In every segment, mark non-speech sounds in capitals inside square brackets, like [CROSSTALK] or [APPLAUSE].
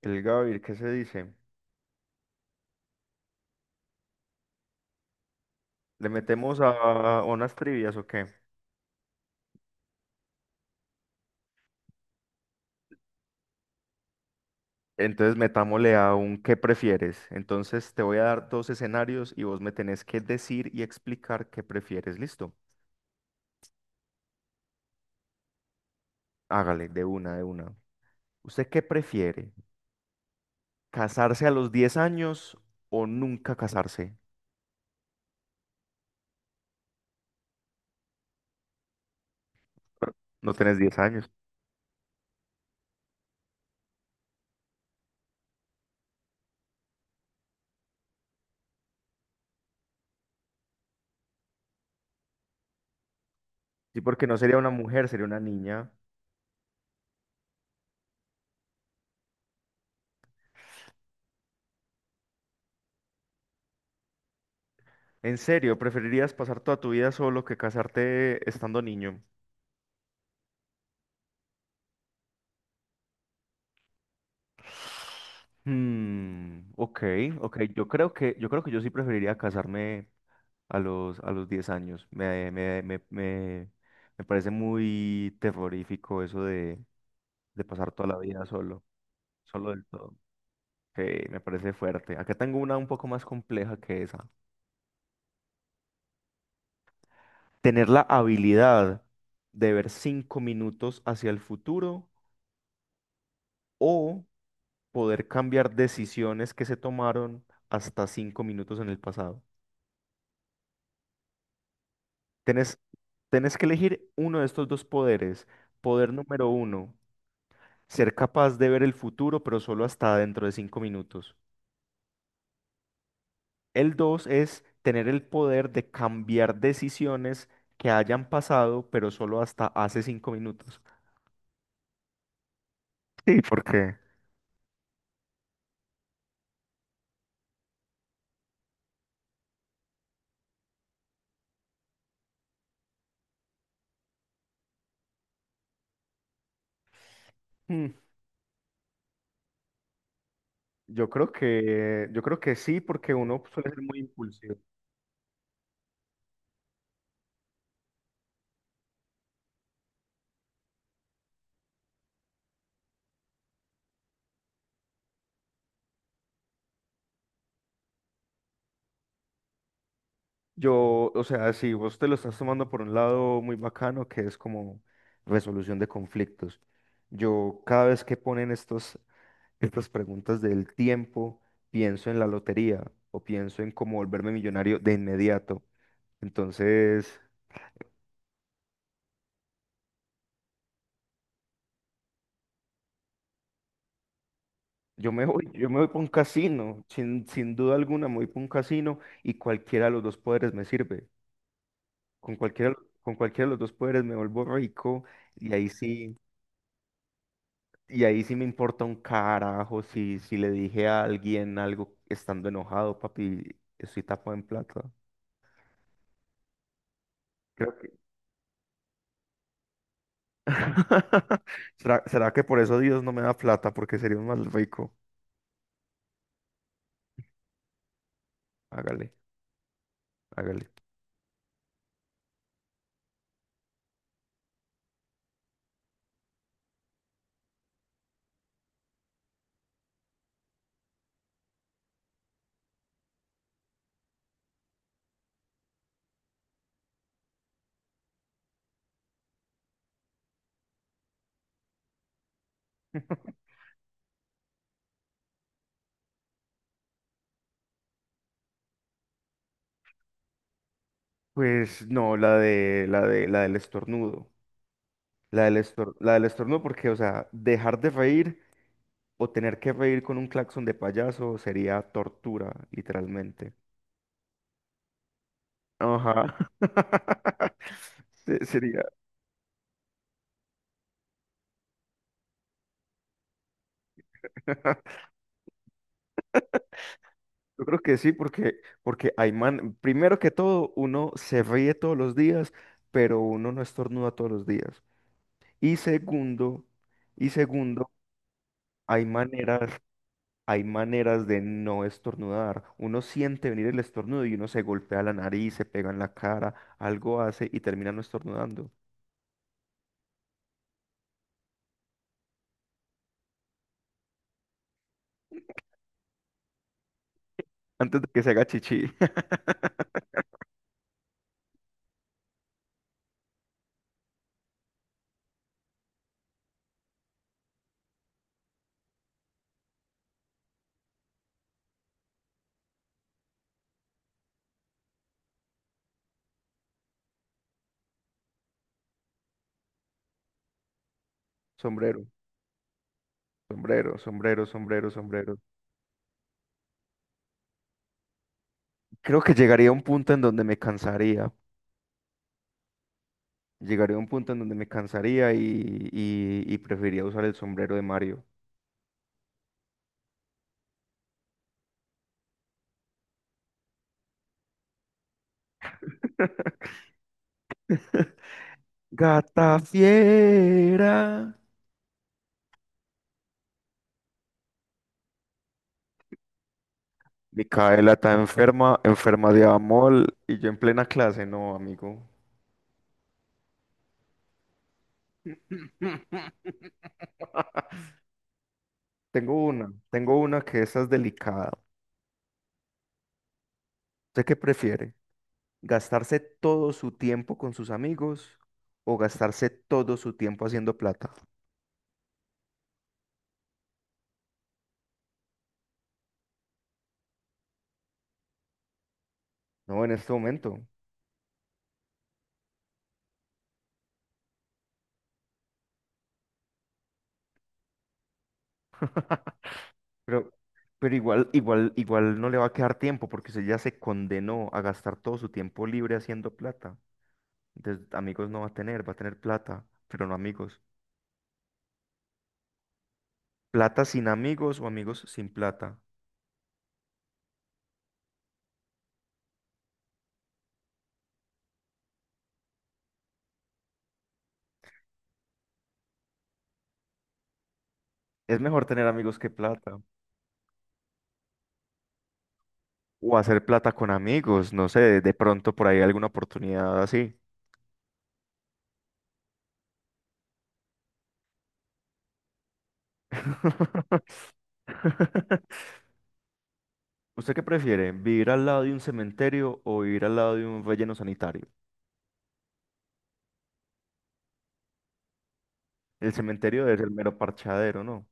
El Gavir, ¿qué se dice? ¿Le metemos a unas trivias o qué? Entonces metámosle a un ¿qué prefieres? Entonces te voy a dar dos escenarios y vos me tenés que decir y explicar qué prefieres. ¿Listo? Hágale, de una, de una. ¿Usted qué prefiere? ¿Casarse a los 10 años o nunca casarse? No tenés 10 años. Sí, porque no sería una mujer, sería una niña. ¿En serio? ¿Preferirías pasar toda tu vida solo que casarte estando niño? Hmm, ok, ok. Yo creo que yo sí preferiría casarme a los 10 años. Me parece muy terrorífico eso de pasar toda la vida solo, solo del todo. Que me parece fuerte. Acá tengo una un poco más compleja que esa. Tener la habilidad de ver 5 minutos hacia el futuro o poder cambiar decisiones que se tomaron hasta 5 minutos en el pasado. Tenés, tenés que elegir uno de estos dos poderes. Poder número uno, ser capaz de ver el futuro, pero solo hasta dentro de 5 minutos. El dos es tener el poder de cambiar decisiones que hayan pasado, pero solo hasta hace 5 minutos. Sí, porque mm, yo creo que sí, porque uno suele ser muy impulsivo. Yo, o sea, si vos te lo estás tomando por un lado muy bacano, que es como resolución de conflictos. Yo cada vez que ponen estos estas preguntas del tiempo, pienso en la lotería o pienso en cómo volverme millonario de inmediato. Entonces, yo me voy para un casino, sin duda alguna me voy para un casino y cualquiera de los dos poderes me sirve. Con cualquiera, con cualquiera de los dos poderes me vuelvo rico y ahí sí me importa un carajo si le dije a alguien algo estando enojado, papi, estoy tapado en plata. [LAUGHS] ¿Será que por eso Dios no me da plata? Porque sería un mal rico. Hágale, hágale. Pues no, la del estornudo. La del estornudo, porque, o sea, dejar de reír o tener que reír con un claxon de payaso sería tortura, literalmente. Ajá. [LAUGHS] Sería. [LAUGHS] Yo creo que sí, porque hay man, primero que todo, uno se ríe todos los días, pero uno no estornuda todos los días. Y segundo, y segundo, hay maneras, hay maneras de no estornudar. Uno siente venir el estornudo y uno se golpea la nariz, se pega en la cara, algo hace y termina no estornudando. Antes de que se haga chichi. [LAUGHS] Sombrero, sombrero, sombrero, sombrero, sombrero. Creo que llegaría a un punto en donde me cansaría. Llegaría a un punto en donde me cansaría y preferiría usar el sombrero de Mario. Gata fiera. Micaela está enferma, enferma de amor y yo en plena clase, no, amigo. [LAUGHS] Tengo una que esa es delicada. ¿Usted qué prefiere? ¿Gastarse todo su tiempo con sus amigos o gastarse todo su tiempo haciendo plata? No, en este momento. Pero, pero igual, igual, igual no le va a quedar tiempo porque usted ya se condenó a gastar todo su tiempo libre haciendo plata. Entonces, amigos no va a tener, va a tener plata, pero no amigos. Plata sin amigos o amigos sin plata. Es mejor tener amigos que plata. O hacer plata con amigos. No sé, de pronto por ahí alguna oportunidad así. [LAUGHS] ¿Usted qué prefiere? ¿Vivir al lado de un cementerio o vivir al lado de un relleno sanitario? El cementerio debe ser mero parchadero, ¿no?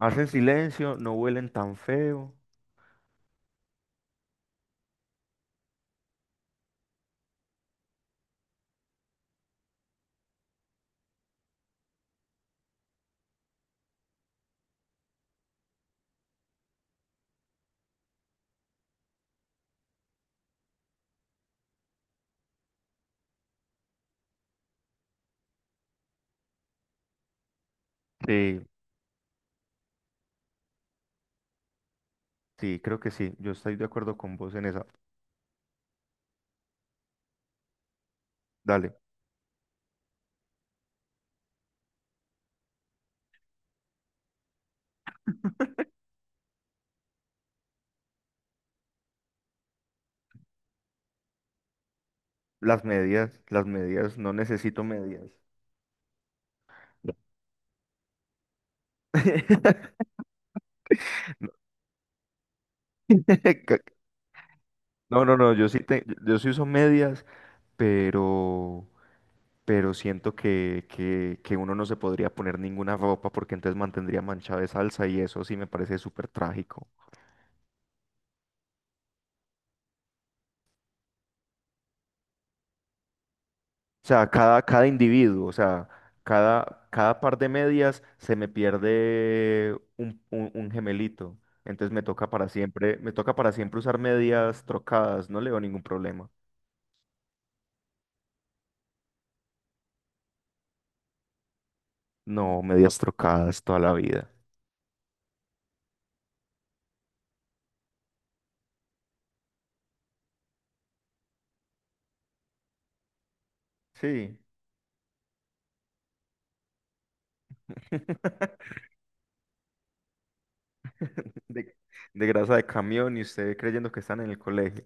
Hacen silencio, no huelen tan feo. Sí, sí, creo que sí. Yo estoy de acuerdo con vos en esa. Dale. Las medias, no necesito medias. [LAUGHS] No. [LAUGHS] No, no, no, yo sí uso medias, pero, pero siento que uno no se podría poner ninguna ropa porque entonces mantendría manchada de salsa y eso sí me parece súper trágico. O sea, cada individuo, o sea, cada par de medias se me pierde un gemelito. Entonces me toca para siempre, me toca para siempre usar medias trocadas, no le veo ningún problema. No, medias trocadas toda la vida. Sí. [LAUGHS] de, de grasa de camión y usted creyendo que están en el colegio.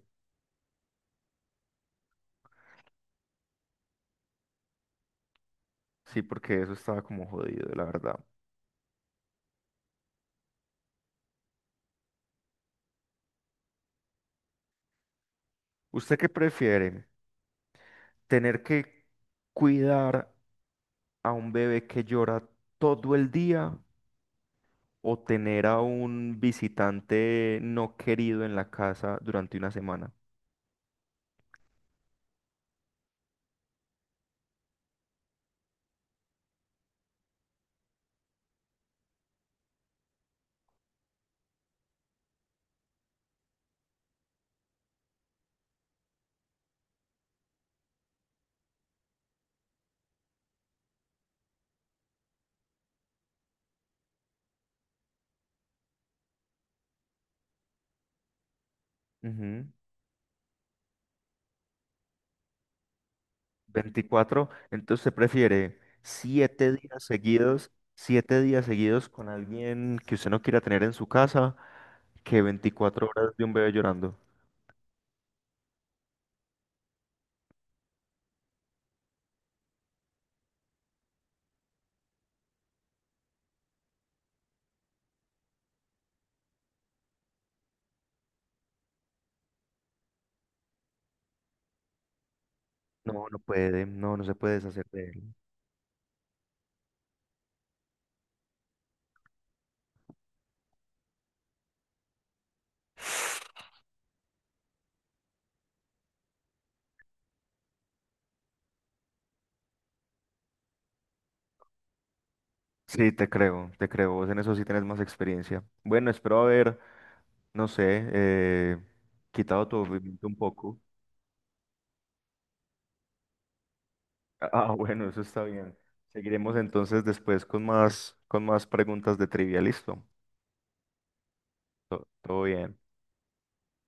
Sí, porque eso estaba como jodido, la verdad. ¿Usted qué prefiere? ¿Tener que cuidar a un bebé que llora todo el día o tener a un visitante no querido en la casa durante una semana? Ujú. Veinticuatro Entonces, se prefiere 7 días seguidos, 7 días seguidos con alguien que usted no quiera tener en su casa que 24 horas de un bebé llorando? No, no puede, no, no se puede deshacer de él. Sí, te creo, te creo. Vos en eso sí tenés más experiencia. Bueno, espero haber, no sé, eh, quitado tu aburrimiento un poco. [LAUGHS] Ah, bueno, eso está bien. Seguiremos entonces después con más preguntas de trivia. Listo. Todo bien.